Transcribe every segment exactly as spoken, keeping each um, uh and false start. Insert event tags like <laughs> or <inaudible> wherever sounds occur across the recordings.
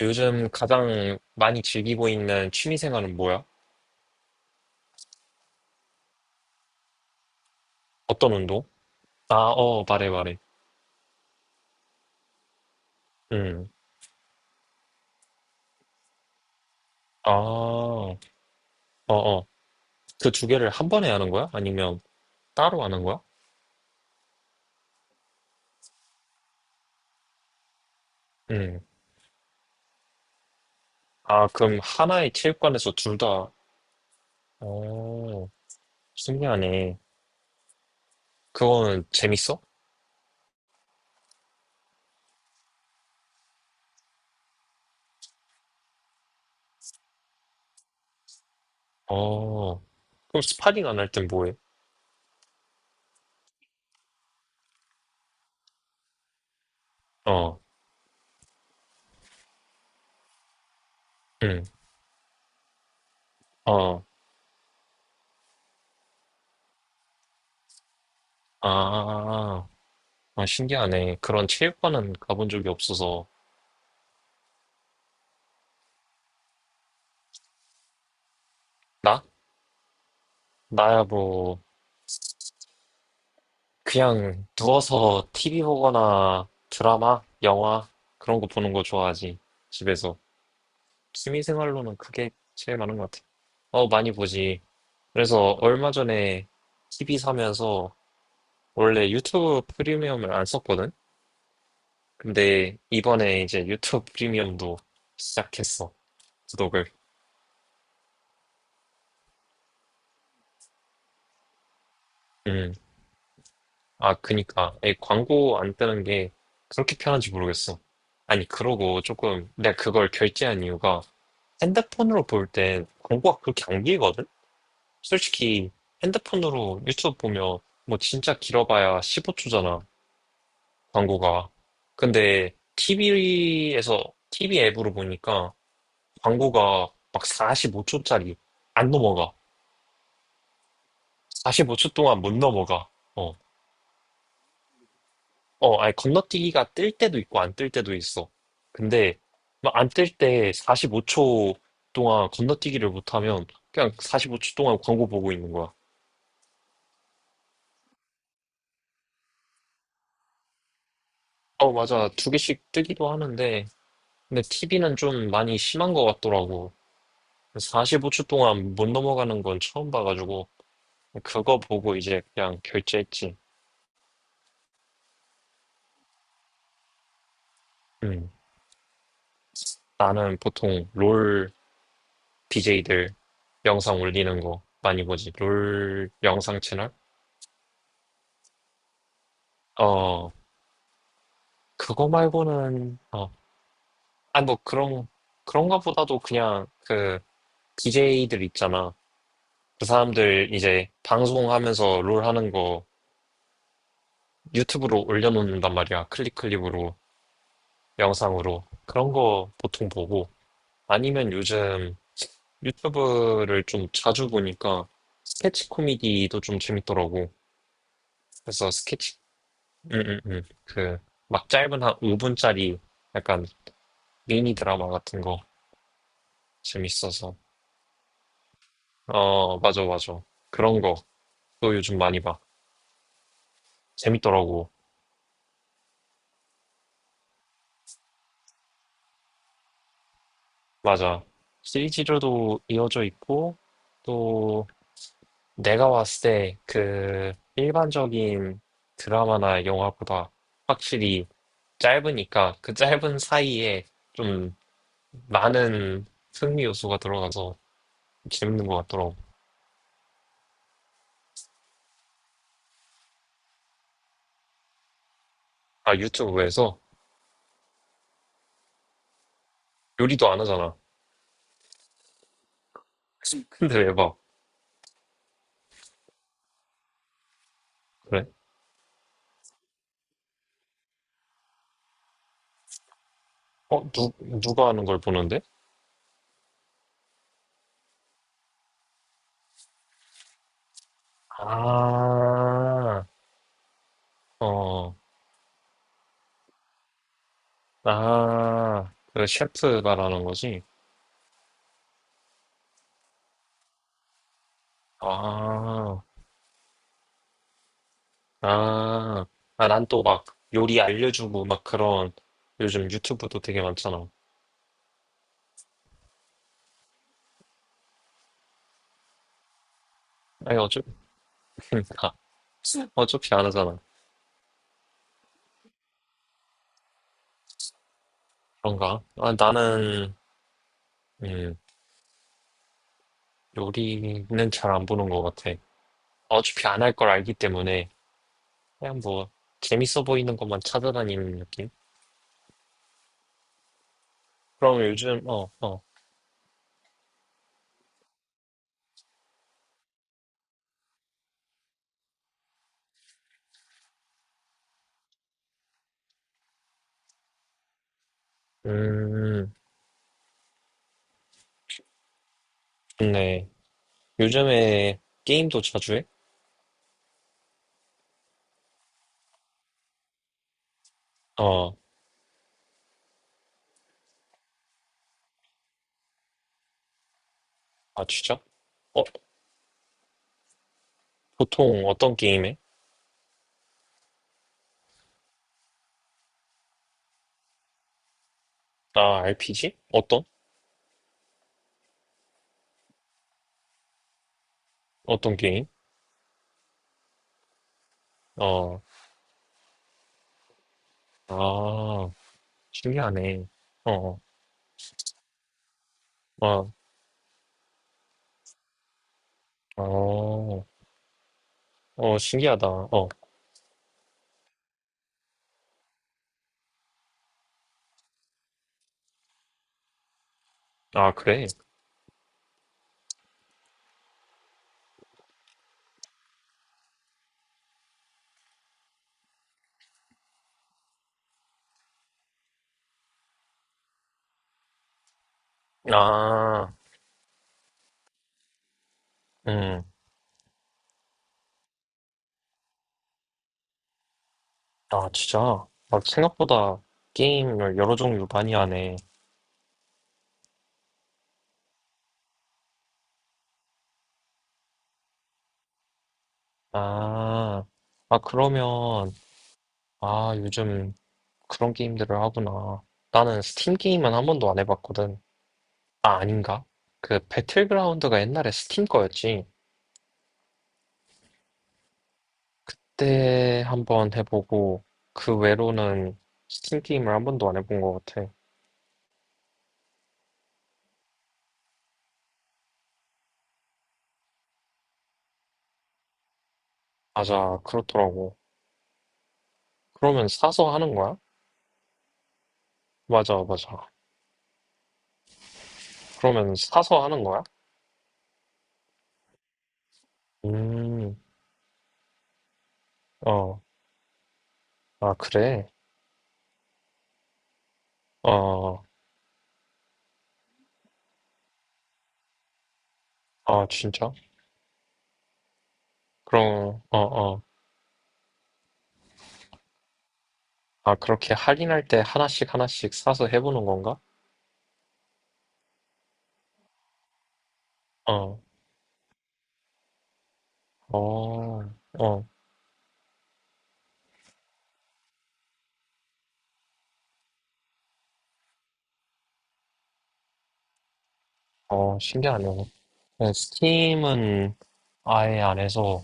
요즘 가장 많이 즐기고 있는 취미 생활은 뭐야? 어떤 운동? 아, 어, 말해, 말해. 음. 아, 어, 어. 그 두 개를 한 번에 하는 거야? 아니면 따로 하는 거야? 응, 아, 그럼 하나의 체육관에서 둘 다, 어, 신기하네. 그거는 재밌어? 어. 그럼 스파링 안 할 땐 뭐해? 어, 응, 어, 아, 아, 신기하네. 그런 체육관은 가본 적이 없어서. 나? 나야 뭐, 그냥 누워서 티비 보거나 드라마, 영화 그런 거 보는 거 좋아하지. 집에서. 취미 생활로는 그게 제일 많은 것 같아. 어, 많이 보지. 그래서 얼마 전에 티비 사면서 원래 유튜브 프리미엄을 안 썼거든? 근데 이번에 이제 유튜브 프리미엄도 시작했어. 구독을. 음. 아, 그니까. 이 광고 안 뜨는 게 그렇게 편한지 모르겠어. 아니, 그러고 조금 내가 그걸 결제한 이유가 핸드폰으로 볼 때 광고가 그렇게 안 길거든? 솔직히 핸드폰으로 유튜브 보면 뭐 진짜 길어봐야 십오 초잖아, 광고가. 근데 티비에서, 티비 앱으로 보니까 광고가 막 사십오 초짜리 안 넘어가. 사십오 초 동안 못 넘어가. 어, 어, 아니, 건너뛰기가 뜰 때도 있고 안 뜰 때도 있어. 근데 막 안 뜰 때 사십오 초 동안 건너뛰기를 못하면 그냥 사십오 초 동안 광고 보고 있는 거야. 어, 맞아. 두 개씩 뜨기도 하는데, 근데 티비는 좀 많이 심한 것 같더라고. 사십오 초 동안 못 넘어가는 건 처음 봐가지고, 그거 보고 이제 그냥 결제했지. 음. 나는 보통 롤 디제이들 영상 올리는 거 많이 보지. 롤 영상 채널? 어, 그거 말고는, 어, 아니 뭐 그런, 그런가 보다도 그냥 그 비제이들 있잖아. 그 사람들 이제 방송하면서 롤 하는 거 유튜브로 올려놓는단 말이야. 클립 클립으로, 영상으로. 그런 거 보통 보고. 아니면 요즘 유튜브를 좀 자주 보니까 스케치 코미디도 좀 재밌더라고. 그래서 스케치, 음, 음, 음. 그, 막 짧은 한 오 분짜리 약간 미니 드라마 같은 거 재밌어서. 어, 맞아, 맞아. 그런 거 또 요즘 많이 봐. 재밌더라고. 맞아. 시리즈로도 이어져 있고, 또 내가 봤을 때 그 일반적인 드라마나 영화보다 확실히 짧으니까 그 짧은 사이에 좀 많은 흥미 요소가 들어가서 재밌는 것 같더라고. 아, 유튜브에서 요리도 안 하잖아. 근데 왜 봐? 그래? 어, 누, 누가 하는 걸 보는데? 아, 어, 아, 그 셰프 말하는 거지? 아. 아, 아, 난 또 막 요리 알려주고 막 그런 요즘 유튜브도 되게 많잖아. 아니, 어차피, <laughs> 어차피 안 하잖아. 그런가? 아, 나는, 음, 요리는 잘 안 보는 것 같아. 어차피 안 할 걸 알기 때문에 그냥 뭐 재밌어 보이는 것만 찾아다니는 느낌? 그럼 요즘, 어, 어, 음, 좋네. 요즘에 게임도 자주 해? 어, 아, 진짜? 어, 보통 어떤 게임 해? 아, 알피지? 어떤? 어떤 게임? 어, 아, 신기하네. 어, 어, 어, 어, 어, 신기하다. 어, 아, 그래. 아, 음, 아, 진짜. 막 생각보다 게임을 여러 종류 많이 하네. 아, 아, 그러면, 아, 요즘 그런 게임들을 하구나. 나는 스팀 게임은 한 번도 안 해봤거든. 아, 아닌가? 그 배틀그라운드가 옛날에 스팀 거였지. 그때 한번 해보고 그 외로는 스팀 게임을 한 번도 안 해본 것 같아. 맞아, 그렇더라고. 그러면 사서 하는 거야? 맞아, 맞아. 그러면 사서 하는 거야? 음, 어, 아, 그래? 어, 아, 진짜? 그럼, 어, 어. 아, 그렇게 할인할 때 하나씩 하나씩 사서 해보는 건가? 어, 어, 어, 어, 신기하네. 네, 스팀은 아예 안 해서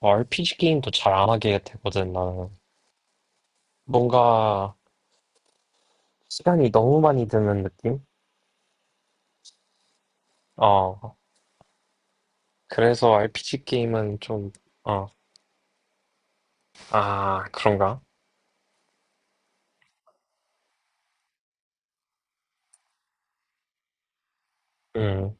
어, 알피지 게임도 잘 안 하게 되거든, 나는. 뭔가 시간이 너무 많이 드는 느낌? 어, 그래서 알피지 게임은 좀, 어, 아, 그런가? 음,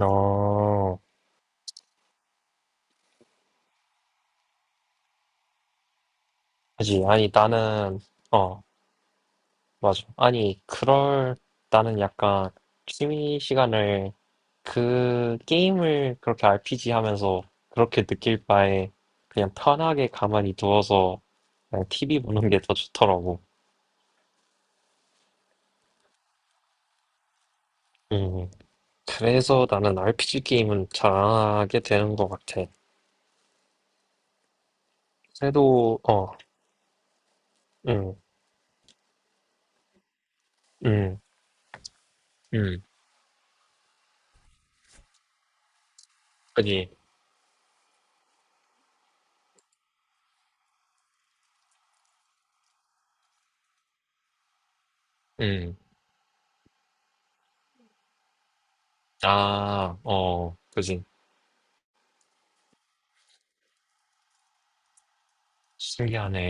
어, 그지. 아니, 나는, 어, 맞아. 아니, 그럴, 나는 약간 취미 시간을 그 게임을 그렇게 알피지 하면서 그렇게 느낄 바에 그냥 편하게 가만히 누워서 그냥 티비 보는 게 더 좋더라고. 음, 그래서 나는 알피지 게임은 잘하게 되는 것 같아. 그래도, 어, 응, 응, 응, 그지, 응, 아, 어, 그지. 신기하네.